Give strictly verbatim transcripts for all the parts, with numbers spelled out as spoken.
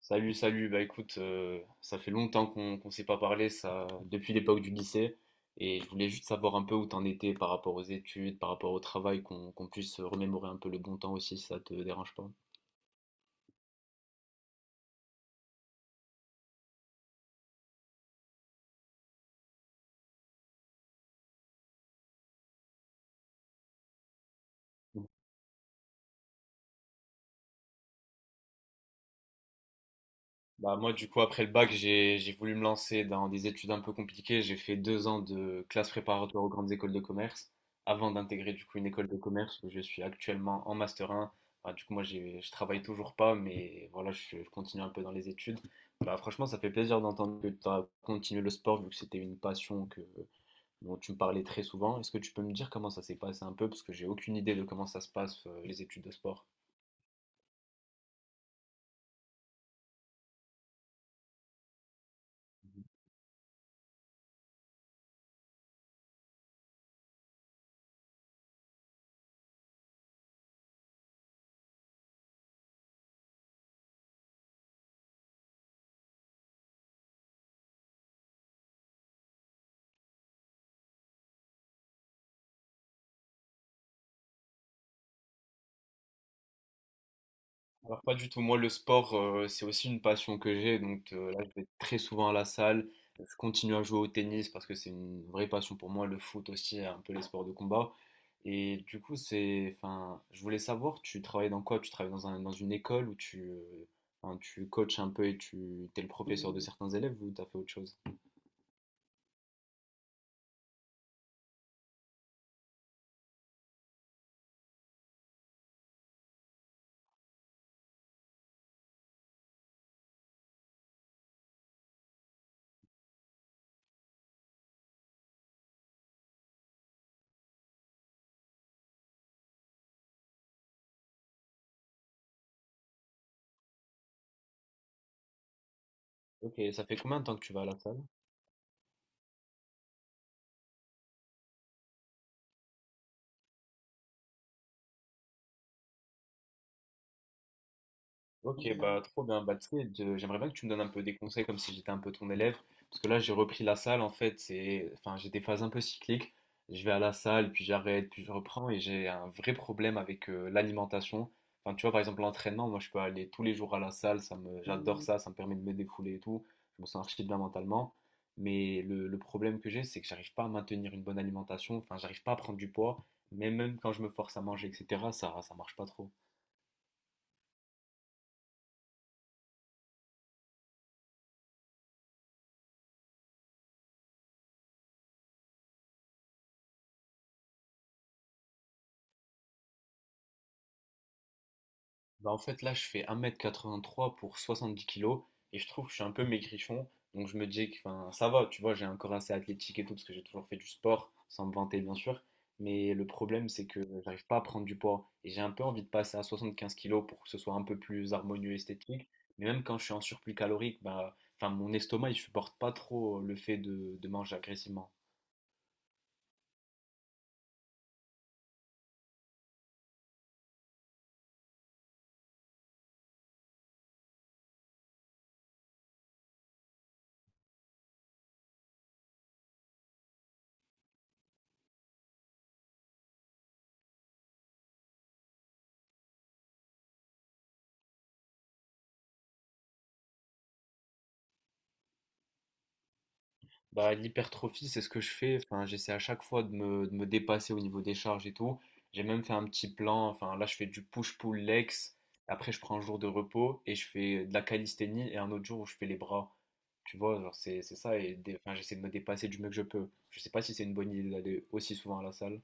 Salut, salut. Bah écoute, euh, ça fait longtemps qu'on qu'on s'est pas parlé, ça, depuis l'époque du lycée. Et je voulais juste savoir un peu où t'en étais par rapport aux études, par rapport au travail, qu'on qu'on puisse remémorer un peu le bon temps aussi, si ça te dérange pas. Bah moi, du coup, après le bac, j'ai j'ai voulu me lancer dans des études un peu compliquées. J'ai fait deux ans de classe préparatoire aux grandes écoles de commerce avant d'intégrer, du coup, une école de commerce où je suis actuellement en master un. Bah, du coup, moi j'ai je travaille toujours pas, mais voilà, je, je continue un peu dans les études. Bah, franchement, ça fait plaisir d'entendre que tu as continué le sport, vu que c'était une passion que dont tu me parlais très souvent. Est-ce que tu peux me dire comment ça s'est passé un peu, parce que j'ai aucune idée de comment ça se passe, euh, les études de sport. Alors, pas du tout. Moi, le sport, euh, c'est aussi une passion que j'ai. Donc, euh, là, je vais très souvent à la salle. Je continue à jouer au tennis parce que c'est une vraie passion pour moi. Le foot aussi, et un peu les sports de combat. Et du coup, c'est, enfin, je voulais savoir, tu travailles dans quoi? Tu travailles dans un- dans une école où tu, euh, enfin, tu coaches un peu et tu, t'es le professeur de certains élèves, ou t'as fait autre chose? Ok, ça fait combien de temps que tu vas à la salle? Ok, bah trop bien. Bah, tu sais, de- j'aimerais bien que tu me donnes un peu des conseils, comme si j'étais un peu ton élève. Parce que là, j'ai repris la salle, en fait. C'est... Enfin, j'ai des phases un peu cycliques. Je vais à la salle, puis j'arrête, puis je reprends. Et j'ai un vrai problème avec euh, l'alimentation. Enfin, tu vois, par exemple, l'entraînement, moi je peux aller tous les jours à la salle. Ça me... J'adore ça. Ça me permet de me défouler et tout. Je me sens archi bien mentalement. Mais le, le problème que j'ai, c'est que j'arrive pas à maintenir une bonne alimentation. Enfin, j'arrive pas à prendre du poids. Mais même quand je me force à manger, et cetera, ça, ça marche pas trop. Bah, en fait, là je fais un mètre quatre-vingt-trois pour soixante-dix kilos et je trouve que je suis un peu maigrichon. Donc je me dis que, enfin, ça va, tu vois, j'ai un corps assez athlétique et tout, parce que j'ai toujours fait du sport, sans me vanter bien sûr. Mais le problème, c'est que j'arrive pas à prendre du poids et j'ai un peu envie de passer à soixante-quinze kilos pour que ce soit un peu plus harmonieux, esthétique. Mais même quand je suis en surplus calorique, bah enfin, mon estomac, il supporte pas trop le fait de, de manger agressivement. Bah, l'hypertrophie, c'est ce que je fais. Enfin, j'essaie à chaque fois de me, de me dépasser au niveau des charges et tout. J'ai même fait un petit plan. Enfin, là, je fais du push-pull legs. Après, je prends un jour de repos et je fais de la calisthénie, et un autre jour où je fais les bras. Tu vois, genre, c'est c'est ça. Et des- enfin, j'essaie de me dépasser du mieux que je peux. Je sais pas si c'est une bonne idée d'aller aussi souvent à la salle.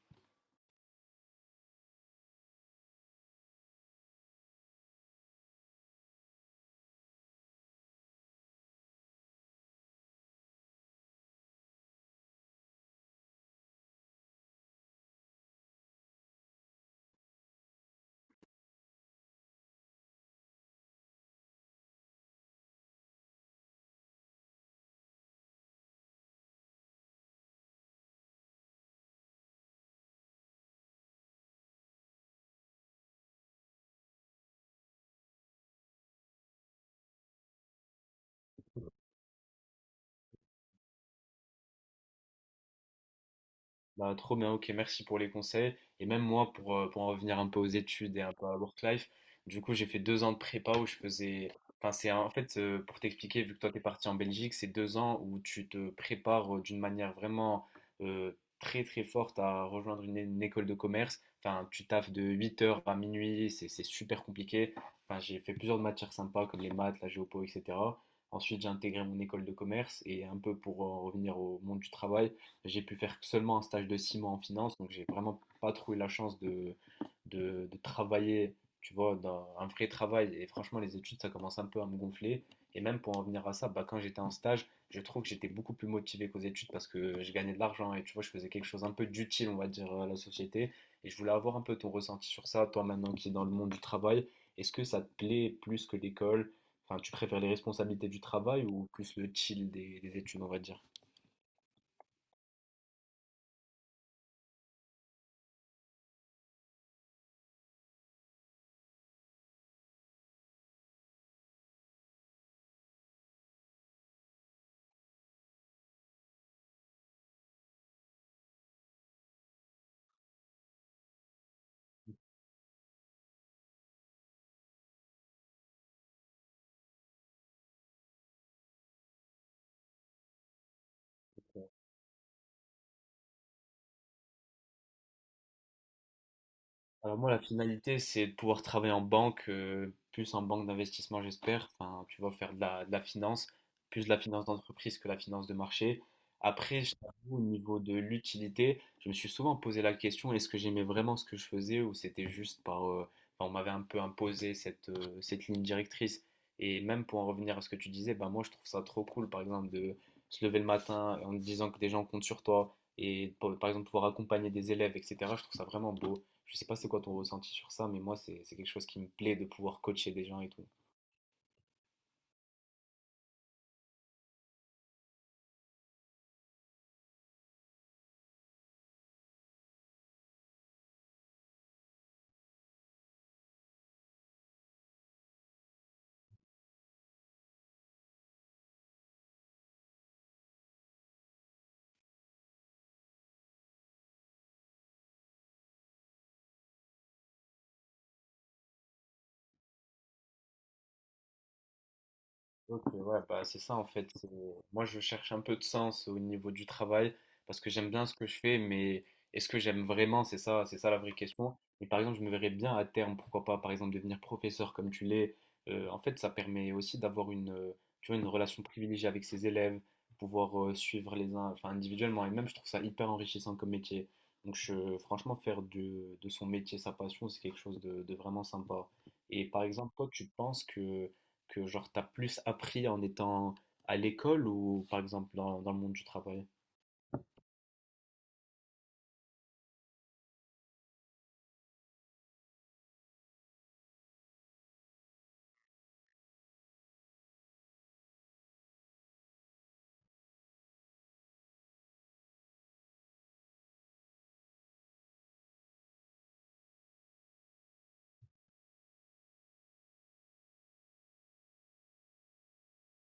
Bah, trop bien, ok, merci pour les conseils. Et même moi, pour, euh, pour en revenir un peu aux études et un peu à work life, du coup, j'ai fait deux ans de prépa où je faisais. Enfin, c'est un- en fait, euh, pour t'expliquer, vu que toi, t'es parti en Belgique, c'est deux ans où tu te prépares, euh, d'une manière vraiment, euh, très, très forte, à rejoindre une, une école de commerce. Enfin, tu taffes de huit heures à minuit, c'est c'est super compliqué. Enfin, j'ai fait plusieurs matières sympas comme les maths, la géopo, et cetera. Ensuite, j'ai intégré mon école de commerce, et un peu pour en revenir au monde du travail. J'ai pu faire seulement un stage de six mois en finance, donc j'ai vraiment pas trouvé la chance de, de, de travailler, tu vois, dans un vrai travail. Et franchement, les études, ça commence un peu à me gonfler. Et même pour en venir à ça, bah, quand j'étais en stage, je trouve que j'étais beaucoup plus motivé qu'aux études, parce que je gagnais de l'argent et, tu vois, je faisais quelque chose un peu d'utile, on va dire, à la société. Et je voulais avoir un peu ton ressenti sur ça, toi maintenant qui es dans le monde du travail. Est-ce que ça te plaît plus que l'école? Enfin, tu préfères les responsabilités du travail, ou plus le chill des, des études, on va dire? Alors moi, la finalité, c'est de pouvoir travailler en banque, euh, plus en banque d'investissement, j'espère. Enfin, tu vas faire de la, de la finance, plus de la finance d'entreprise que la finance de marché. Après, je t'avoue, au niveau de l'utilité, je me suis souvent posé la question, est-ce que j'aimais vraiment ce que je faisais, ou c'était juste par... euh, enfin, on m'avait un peu imposé cette, euh, cette ligne directrice. Et même pour en revenir à ce que tu disais, bah moi, je trouve ça trop cool, par exemple, de se lever le matin en te disant que des gens comptent sur toi et, pour- par exemple, pouvoir accompagner des élèves, et cetera. Je trouve ça vraiment beau. Je sais pas c'est quoi ton ressenti sur ça, mais moi, c'est c'est quelque chose qui me plaît, de pouvoir coacher des gens et tout. Ok, ouais, bah c'est ça en fait. c'est- Moi, je cherche un peu de sens au niveau du travail, parce que j'aime bien ce que je fais, mais est-ce que j'aime vraiment? C'est ça, c'est ça la vraie question. Et par exemple, je me verrais bien à terme, pourquoi pas, par exemple, devenir professeur comme tu l'es. Euh, en fait, ça permet aussi d'avoir une, euh, tu vois, une relation privilégiée avec ses élèves, pouvoir, euh, suivre les uns, enfin individuellement. Et même, je trouve ça hyper enrichissant comme métier. Donc, je- franchement, faire de, de son métier sa passion, c'est quelque chose de de vraiment sympa. Et par exemple, toi, tu penses que que genre t'as plus appris en étant à l'école, ou par exemple dans, dans le monde du travail?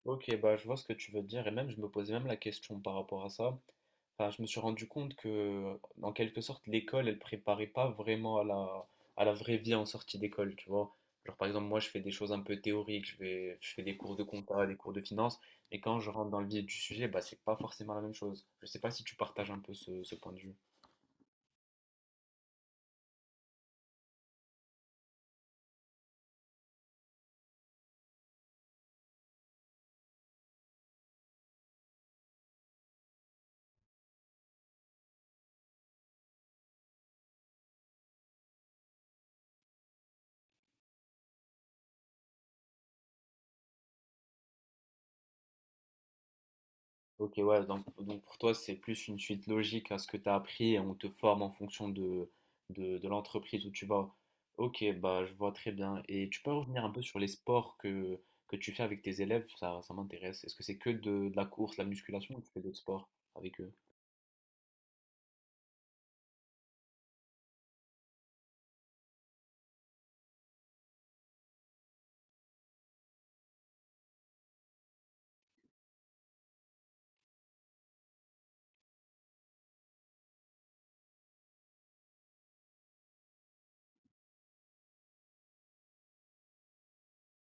Ok, bah je vois ce que tu veux dire, et même je me posais même la question par rapport à ça. Enfin, je me suis rendu compte que, en quelque sorte, l'école, elle préparait pas vraiment à la, à la vraie vie en sortie d'école, tu vois. Genre, par exemple, moi je fais des choses un peu théoriques, je vais, je fais des cours de compta, des cours de finance, mais quand je rentre dans le vif du sujet, bah c'est pas forcément la même chose. Je sais pas si tu partages un peu ce, ce point de vue. Ok, ouais, donc, donc pour toi, c'est plus une suite logique à ce que tu as appris, et on te forme en fonction de, de, de l'entreprise où tu vas. Ok, bah je vois très bien. Et tu peux revenir un peu sur les sports que, que tu fais avec tes élèves, ça, ça m'intéresse. Est-ce que c'est que de, de la course, la musculation, ou tu fais d'autres sports avec eux?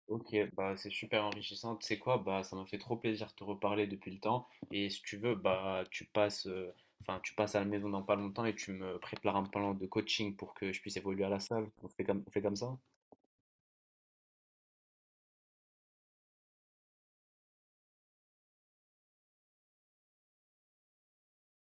Ok, bah c'est super enrichissant. Tu sais quoi, bah ça m'a fait trop plaisir de te reparler depuis le temps. Et si tu veux, bah tu passes, euh, enfin, tu passes à la maison dans pas longtemps et tu me prépares un plan de coaching pour que je puisse évoluer à la salle. On fait comme, on fait comme ça?